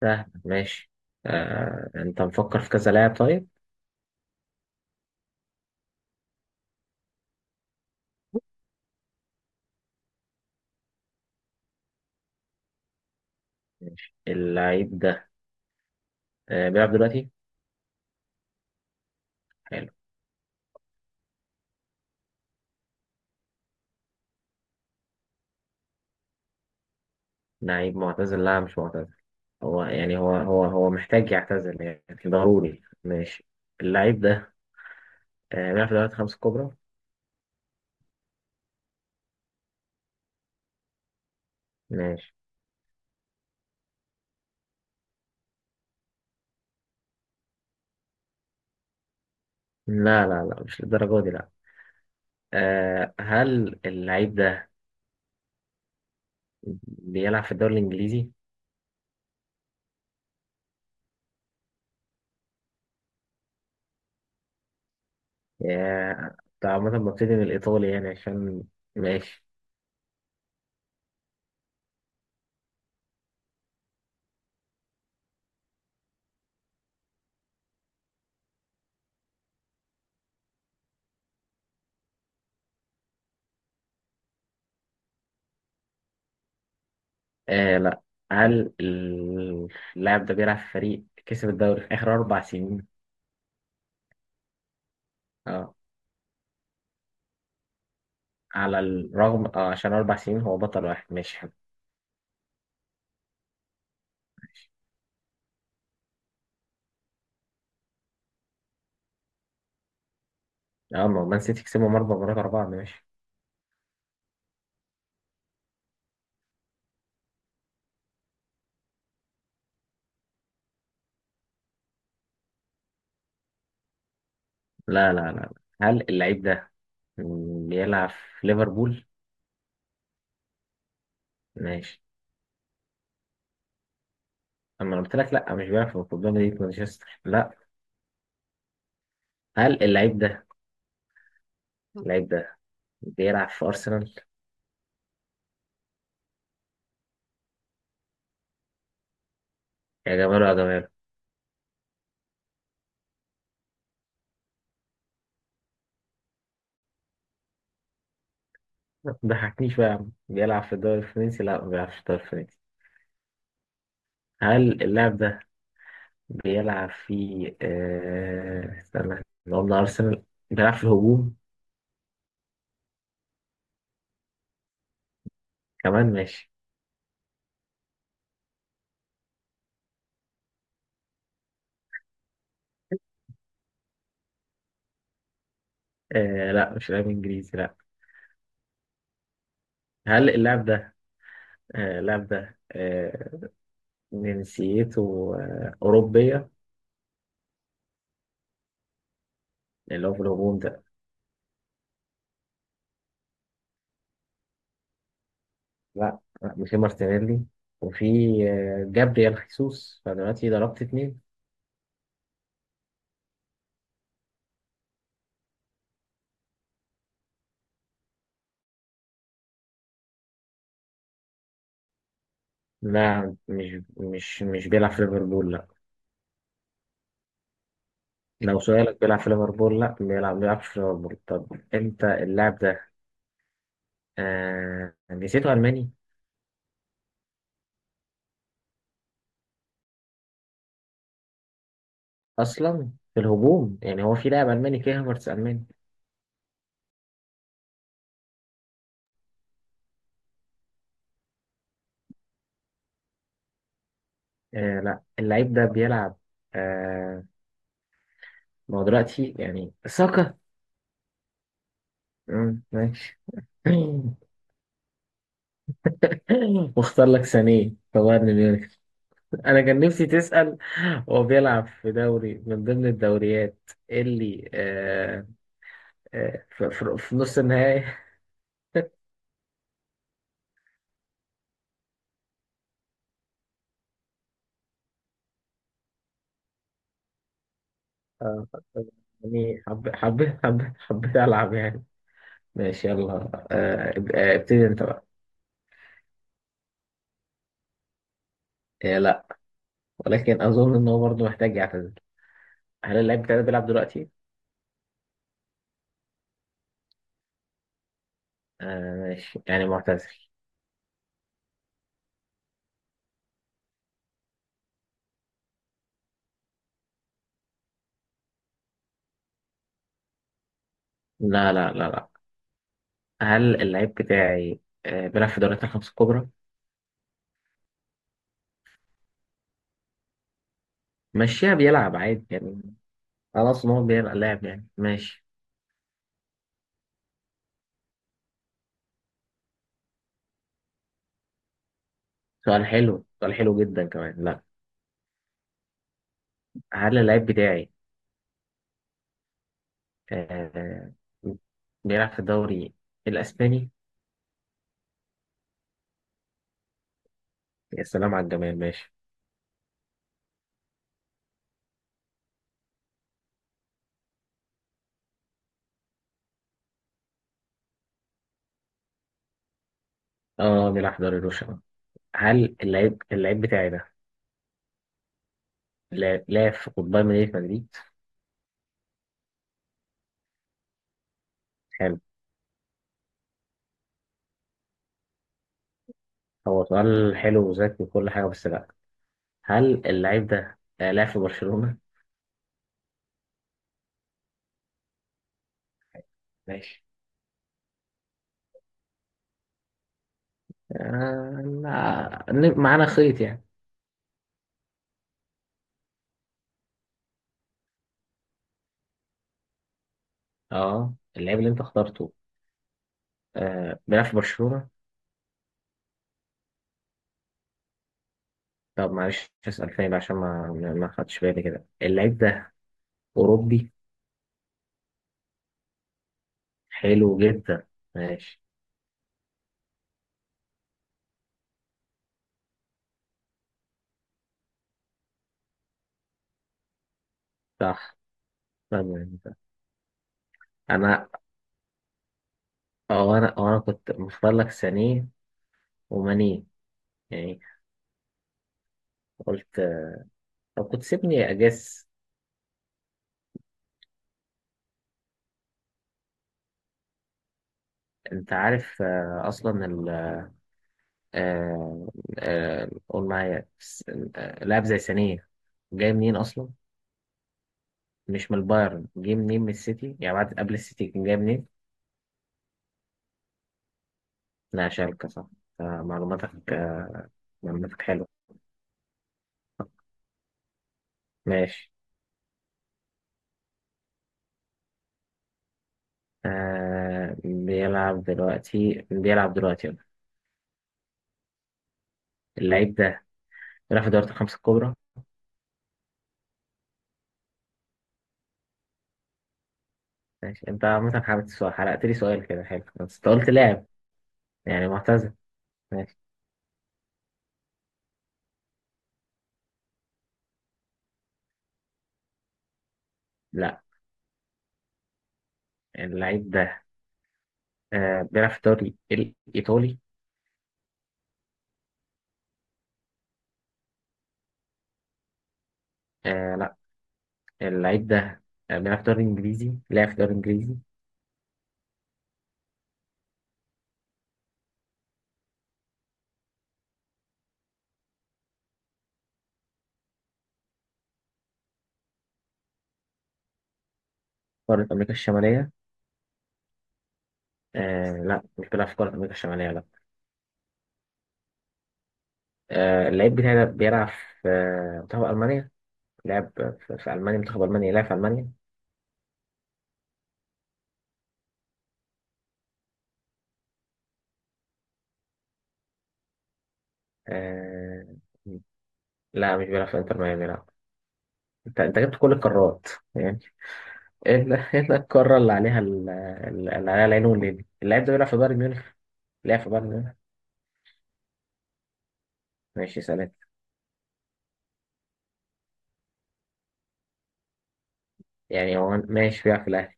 سهل، ماشي. انت مفكر في كذا لاعب؟ طيب، اللعيب ده بيلعب دلوقتي؟ حلو. لعيب معتزل؟ لا، مش معتزل. هو يعني هو محتاج يعتزل يعني ضروري. ماشي. اللعيب ده بيلعب في دوري الخمسة الكبرى؟ ماشي. لا، لا، لا، مش للدرجة دي، لا. هل اللعيب ده بيلعب في الدوري الإنجليزي؟ آه، ده عامة ببتدي من الإيطالي يعني، عشان. ماشي. آه، لا. هل اللاعب ده بيلعب في فريق كسب الدوري في آخر 4 سنين؟ اه. على الرغم، اه، عشان 4 سنين هو بطل واحد. ماشي، حلو. اه، ما هو مان سيتي كسبهم 4 مرات ورا بعض. ماشي. لا، لا، لا، لا. هل اللعيب ده بيلعب في ليفربول؟ ماشي. أما أنا قلت لك لا، مش بيلعب في قدام مدينة مانشستر، لا. هل اللعيب ده، اللعيب ده بيلعب في أرسنال؟ يا جماله، يا جماله. ما تضحكنيش بقى يا عم. بيلعب في الدوري الفرنسي؟ لا، ما بيلعبش في الدوري الفرنسي. هل اللاعب ده بيلعب في استنى، إحنا قلنا أرسنال. بيلعب في الهجوم كمان. ماشي. لا، مش لاعب إنجليزي، لا. هل اللاعب ده، آه... اللاعب ده آه... جنسيته أوروبية. اللي هو في الهجوم ده. لا، لا، مش مارتينيلي. وفي جابريال خيسوس، فدلوقتي ضربت اتنين. لا، مش بيلعب في ليفربول، لا. لو سؤالك بيلعب في ليفربول؟ لا، بيلعب في ليفربول. طب، انت، اللاعب ده جنسيته ألماني. اصلا في الهجوم، يعني هو في لاعب الماني؟ كيه هافرتس الماني. آه، لا. اللعيب ده بيلعب. آه ما هو دلوقتي يعني ساكا. مم، ماشي. واختار لك سانيه في بايرن ميونخ. انا كان نفسي تسأل هو بيلعب في دوري من ضمن الدوريات اللي في نص النهائي. آه، يعني حب حب حب حبيت العب يعني. ماشي، يلا. آه، ابتدي انت بقى. آه، لا. ولكن أظن إن هو برضه محتاج يعتزل. هل اللعيب بتاعي ده بيلعب دلوقتي؟ آه، ماشي يعني معتزل. لا، لا، لا، لا. هل اللعيب بتاعي بيلعب في الدوريات الخمس الكبرى؟ ماشيها، بيلعب عادي يعني. خلاص، إن هو بيلعب لاعب يعني. ماشي. سؤال حلو، سؤال حلو جدا كمان. لا. هل اللعيب بتاعي آه بيلعب في الدوري الإسباني؟ يا سلام على الجمال. ماشي. اه، بيلعب في دوري روشن. هل اللعيب بتاعي ده لاعب في قطبي مدينة مدريد؟ هو سؤال حلو وذكي وكل حاجة، بس لأ. هل اللعيب ده لعب في برشلونة؟ ماشي. آه، لا. معانا خيط يعني. اه، اللعيب اللي انت اخترته بيلعب في برشلونة؟ طب معلش، اسأل تاني بقى عشان ما خدتش بالي كده. اللعيب ده أوروبي؟ حلو جدا. ماشي. صح، تمام. أنا أنا كنت مختار لك سانيه ومانيه، يعني. قلت طب كنت سيبني أجس. أنت عارف أصلا، آه، قول معايا لاعب زي ثانية، جاي منين أصلا؟ مش من البايرن. جاي منين؟ من السيتي، يعني قبل السيتي كان جاي منين؟ لا، شالكة، صح. معلوماتك، حلوة. ماشي. آه، بيلعب دلوقتي، يلا. اللعيب ده بيلعب في دوري الخمسة الكبرى. ماشي. انت عامة حابب السؤال، حرقت لي سؤال كده حلو. بس انت قلت لاعب يعني معتزل. ماشي. لا، اللعيب ده بيلعب في الدوري الإيطالي. آه، اللعيب ده بيلعب في الدوري الانجليزي، لعب في الدوري الانجليزي. قارة امريكا الشمالية؟ آه، لا، مش بيلعب في قارة امريكا الشمالية، لا. آه، اللعيب بتاعي ده بيلعب في منتخب المانيا. لعب في المانيا، منتخب المانيا، لعب في المانيا. آه، لا، مش بيلعب في انتر ميامي، لا. انت جبت كل القارات يعني، الا، الا القارة اللي عليها العين والليل. اللعيب ده بيلعب في بايرن ميونخ. لعب في بايرن ميونخ. ماشي، سلام. يعني هو ماشي بيلعب في الاهلي.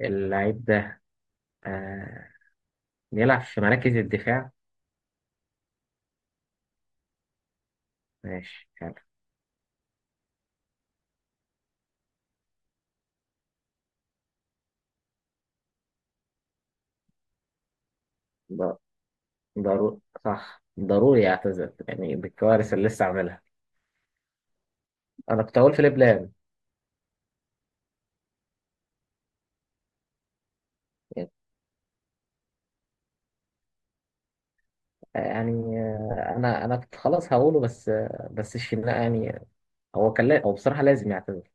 اللعيب ده آه بيلعب في مراكز الدفاع. ماشي يعني. ض- ضروري. صح، ضروري اعتذر يعني بالكوارث اللي لسه عاملها. انا كنت هقول في لبنان. يعني انا كنت خلاص هقوله، بس بس الشناقه يعني. هو كان هو بصراحه لازم يعتذر.